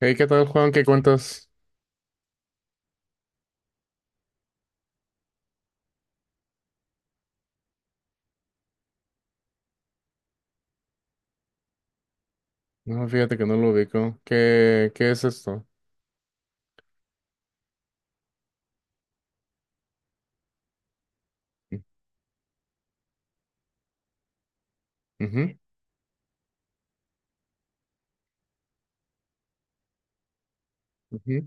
Hey, ¿qué tal, Juan? ¿Qué cuentas? No, fíjate que no lo ubico. ¿Qué es esto? Ujú, ujú.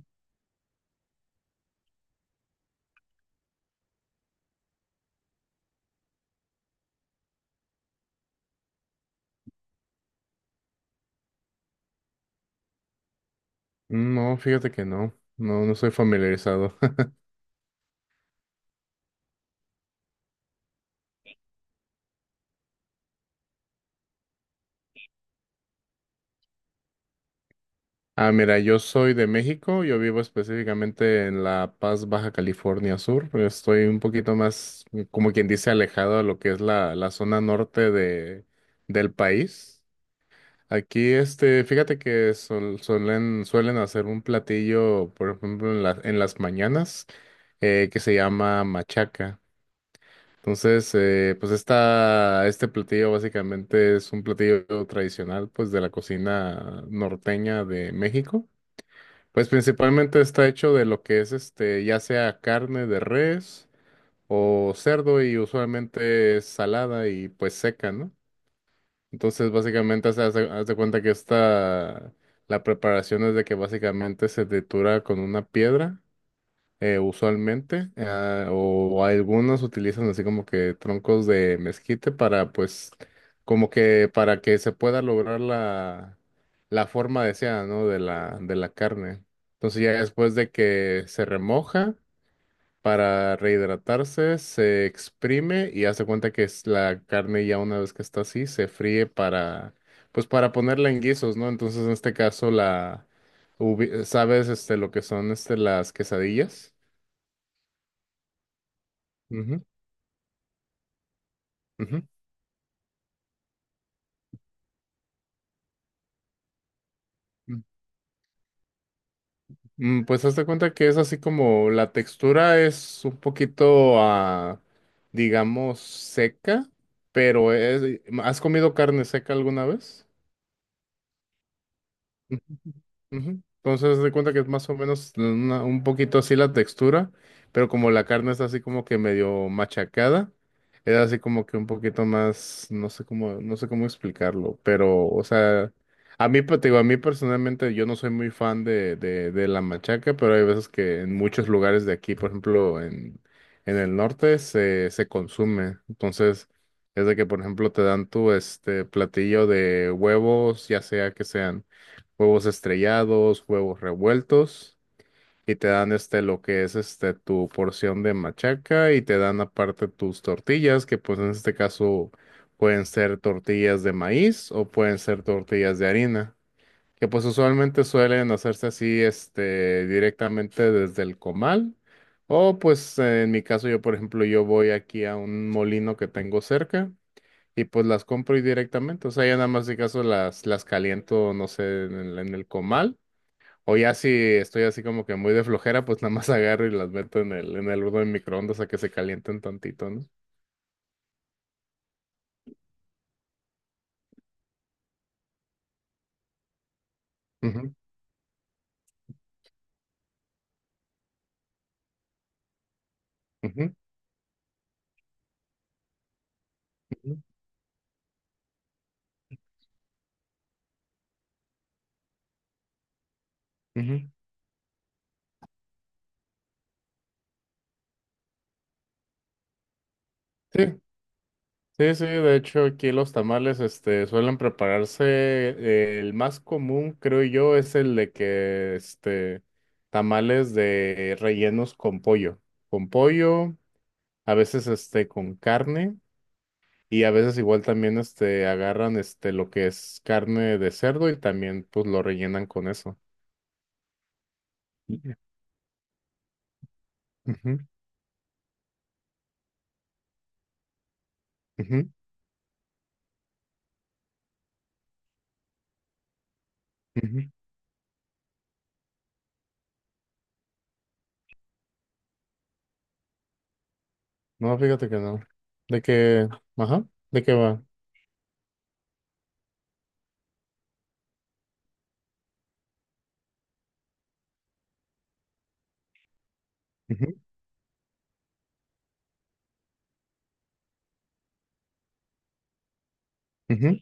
Mm, no, fíjate que no. No, no soy familiarizado. Ah, mira, yo soy de México. Yo vivo específicamente en La Paz, Baja California Sur, pero estoy un poquito más, como quien dice, alejado a lo que es la zona norte del país. Aquí, este, fíjate que suelen hacer un platillo, por ejemplo, en en las mañanas, que se llama machaca. Entonces, pues este platillo básicamente es un platillo tradicional, pues, de la cocina norteña de México. Pues principalmente está hecho de lo que es, este, ya sea carne de res o cerdo y usualmente es salada y pues seca, ¿no? Entonces, básicamente, haz de cuenta que la preparación es de que básicamente se tritura con una piedra, usualmente, o algunos utilizan así como que troncos de mezquite para, pues, como que para que se pueda lograr la, la forma deseada, ¿no? De la carne. Entonces, ya después de que se remoja, para rehidratarse, se exprime y hace cuenta que es la carne ya una vez que está así, se fríe pues para ponerla en guisos, ¿no? Entonces, en este caso, ¿sabes, este, lo que son, este, las quesadillas? Ujú, ujú. Mm, Pues hazte cuenta que es así como la textura es un poquito, digamos, seca, pero ¿has comido carne seca alguna vez? Ujú. Entonces, haz de cuenta que es más o menos un poquito así la textura, pero como la carne está así como que medio machacada, era así como que un poquito más, no sé cómo explicarlo, pero, o sea, a mí, pues, te digo, a mí personalmente yo no soy muy fan de la machaca, pero hay veces que en muchos lugares de aquí, por ejemplo, en el norte se consume, entonces. Es de que, por ejemplo, te dan tu este platillo de huevos, ya sea que sean huevos estrellados, huevos revueltos, y te dan este lo que es este tu porción de machaca y te dan aparte tus tortillas, que pues en este caso pueden ser tortillas de maíz o pueden ser tortillas de harina, que pues usualmente suelen hacerse así este directamente desde el comal. O pues en mi caso yo, por ejemplo, yo voy aquí a un molino que tengo cerca y pues las compro ahí directamente, o sea, ya nada más de caso las caliento, no sé, en el comal, o ya si estoy así como que muy de flojera, pues nada más agarro y las meto en el horno de microondas a que se calienten tantito, ¿no? Ujú, ujú, ujú, ujú. Sí, sí, sí, de hecho aquí los tamales, este, suelen prepararse, el más común, creo yo, es el de que, este, tamales de rellenos con pollo, a veces, este, con carne. Y a veces igual también este agarran este lo que es carne de cerdo y también pues lo rellenan con eso. Ujú, ujú, ujú. No, fíjate que no. De que, ajá, de qué va. Ujú, ujú,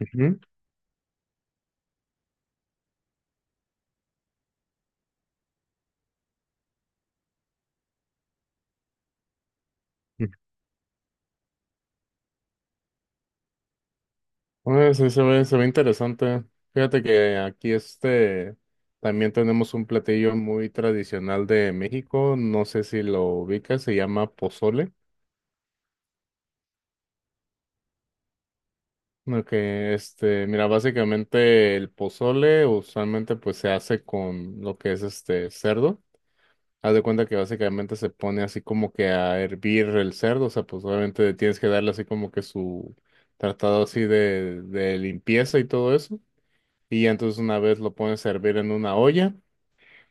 ujú, ujú. Bueno, sí se ve interesante. Fíjate que aquí este también tenemos un platillo muy tradicional de México. No sé si lo ubicas, se llama pozole. No, que este, mira, básicamente el pozole usualmente pues se hace con lo que es este cerdo. Haz de cuenta que básicamente se pone así como que a hervir el cerdo, o sea, pues obviamente tienes que darle así como que su tratado así de limpieza y todo eso. Y ya entonces una vez lo pones a hervir en una olla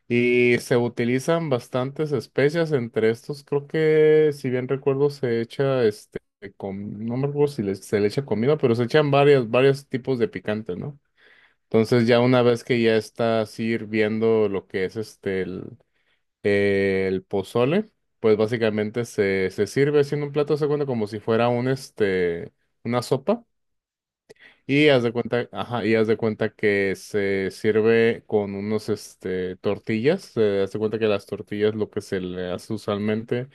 y se utilizan bastantes especias entre estos. Creo que, si bien recuerdo, se echa este, no me acuerdo si le- se le echa comida, pero se echan varios tipos de picante, ¿no? Entonces ya una vez que ya está así hirviendo lo que es este, el pozole, pues básicamente se sirve haciendo un plato, haz de cuenta como si fuera una sopa, y haz de cuenta, ajá, haz de cuenta que se sirve con unos este tortillas. Haz de cuenta que las tortillas lo que se le hace usualmente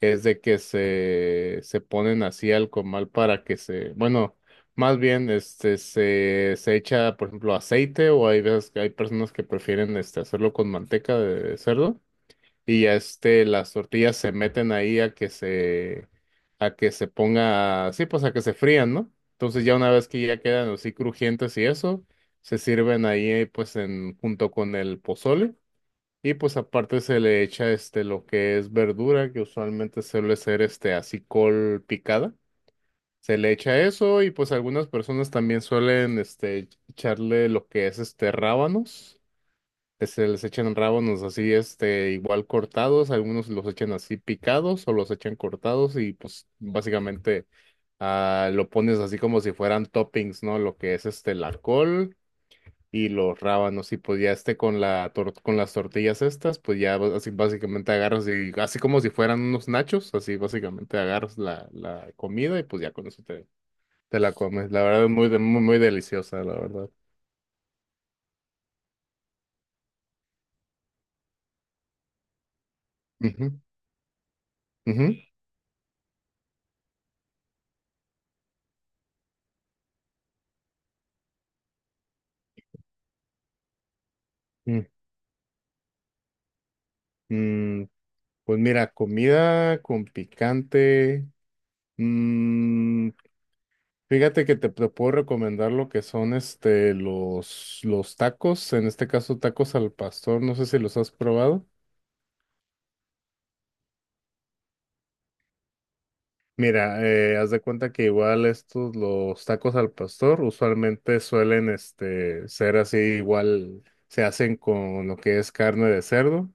es de que se ponen así al comal para que bueno, más bien este se echa, por ejemplo, aceite, o hay veces que hay personas que prefieren este hacerlo con manteca de cerdo y ya este, las tortillas se meten ahí a que se ponga, sí, pues a que se frían, ¿no? Entonces ya una vez que ya quedan así crujientes y eso, se sirven ahí pues junto con el pozole y pues aparte se le echa este lo que es verdura, que usualmente suele ser este así col picada. Se le echa eso y pues algunas personas también suelen este echarle lo que es este rábanos este, les echan rábanos así, este, igual cortados, algunos los echan así picados o los echan cortados y pues básicamente lo pones así como si fueran toppings, ¿no? Lo que es este, la col y los rábanos y pues ya este con con las tortillas estas, pues ya así básicamente agarras y así como si fueran unos nachos, así básicamente agarras la comida y pues ya con eso te la comes. La verdad es muy, muy, muy deliciosa, la verdad. Ujú, ujú. Mm. Mm, Pues mira, comida con picante. mm, Fíjate que te puedo recomendar lo que son este los tacos, en este caso tacos al pastor, no sé si los has probado. Mira, haz de cuenta que igual los tacos al pastor, usualmente suelen este, ser así, igual se hacen con lo que es carne de cerdo,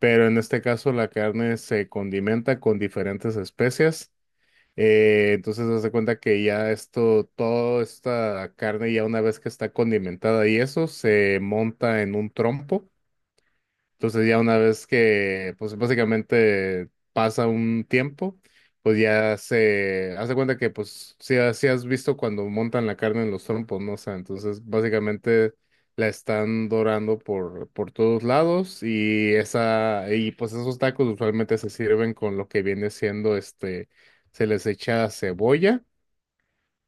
pero en este caso la carne se condimenta con diferentes especias. Entonces, das de cuenta que ya esto, toda esta carne, ya una vez que está condimentada y eso, se monta en un trompo. Entonces ya una vez que, pues básicamente pasa un tiempo, pues ya se hace cuenta que, pues sí, sí has visto cuando montan la carne en los trompos, ¿no? O sea, entonces básicamente la están dorando por todos lados y y pues esos tacos usualmente se sirven con lo que viene siendo este, se les echa cebolla,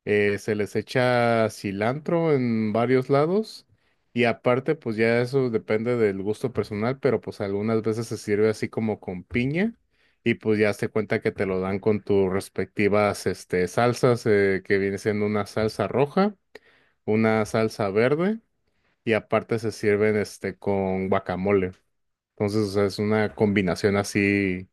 se les echa cilantro en varios lados y aparte pues ya eso depende del gusto personal, pero pues algunas veces se sirve así como con piña y pues ya se cuenta que te lo dan con tus respectivas este, salsas, que viene siendo una salsa roja, una salsa verde y aparte se sirven este, con guacamole. Entonces, o sea, es una combinación así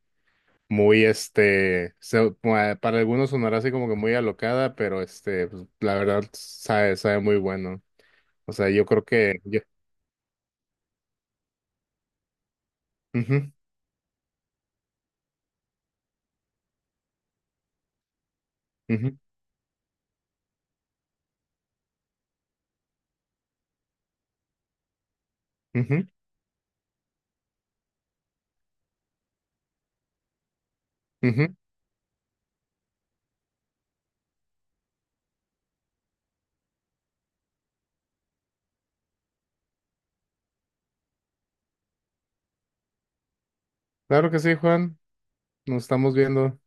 muy, este, para algunos sonará así como que muy alocada, pero este, pues, la verdad sabe muy bueno. O sea, yo creo que yo- Ujú, ujú, ujú, ujú. Claro que sí, Juan. Nos estamos viendo.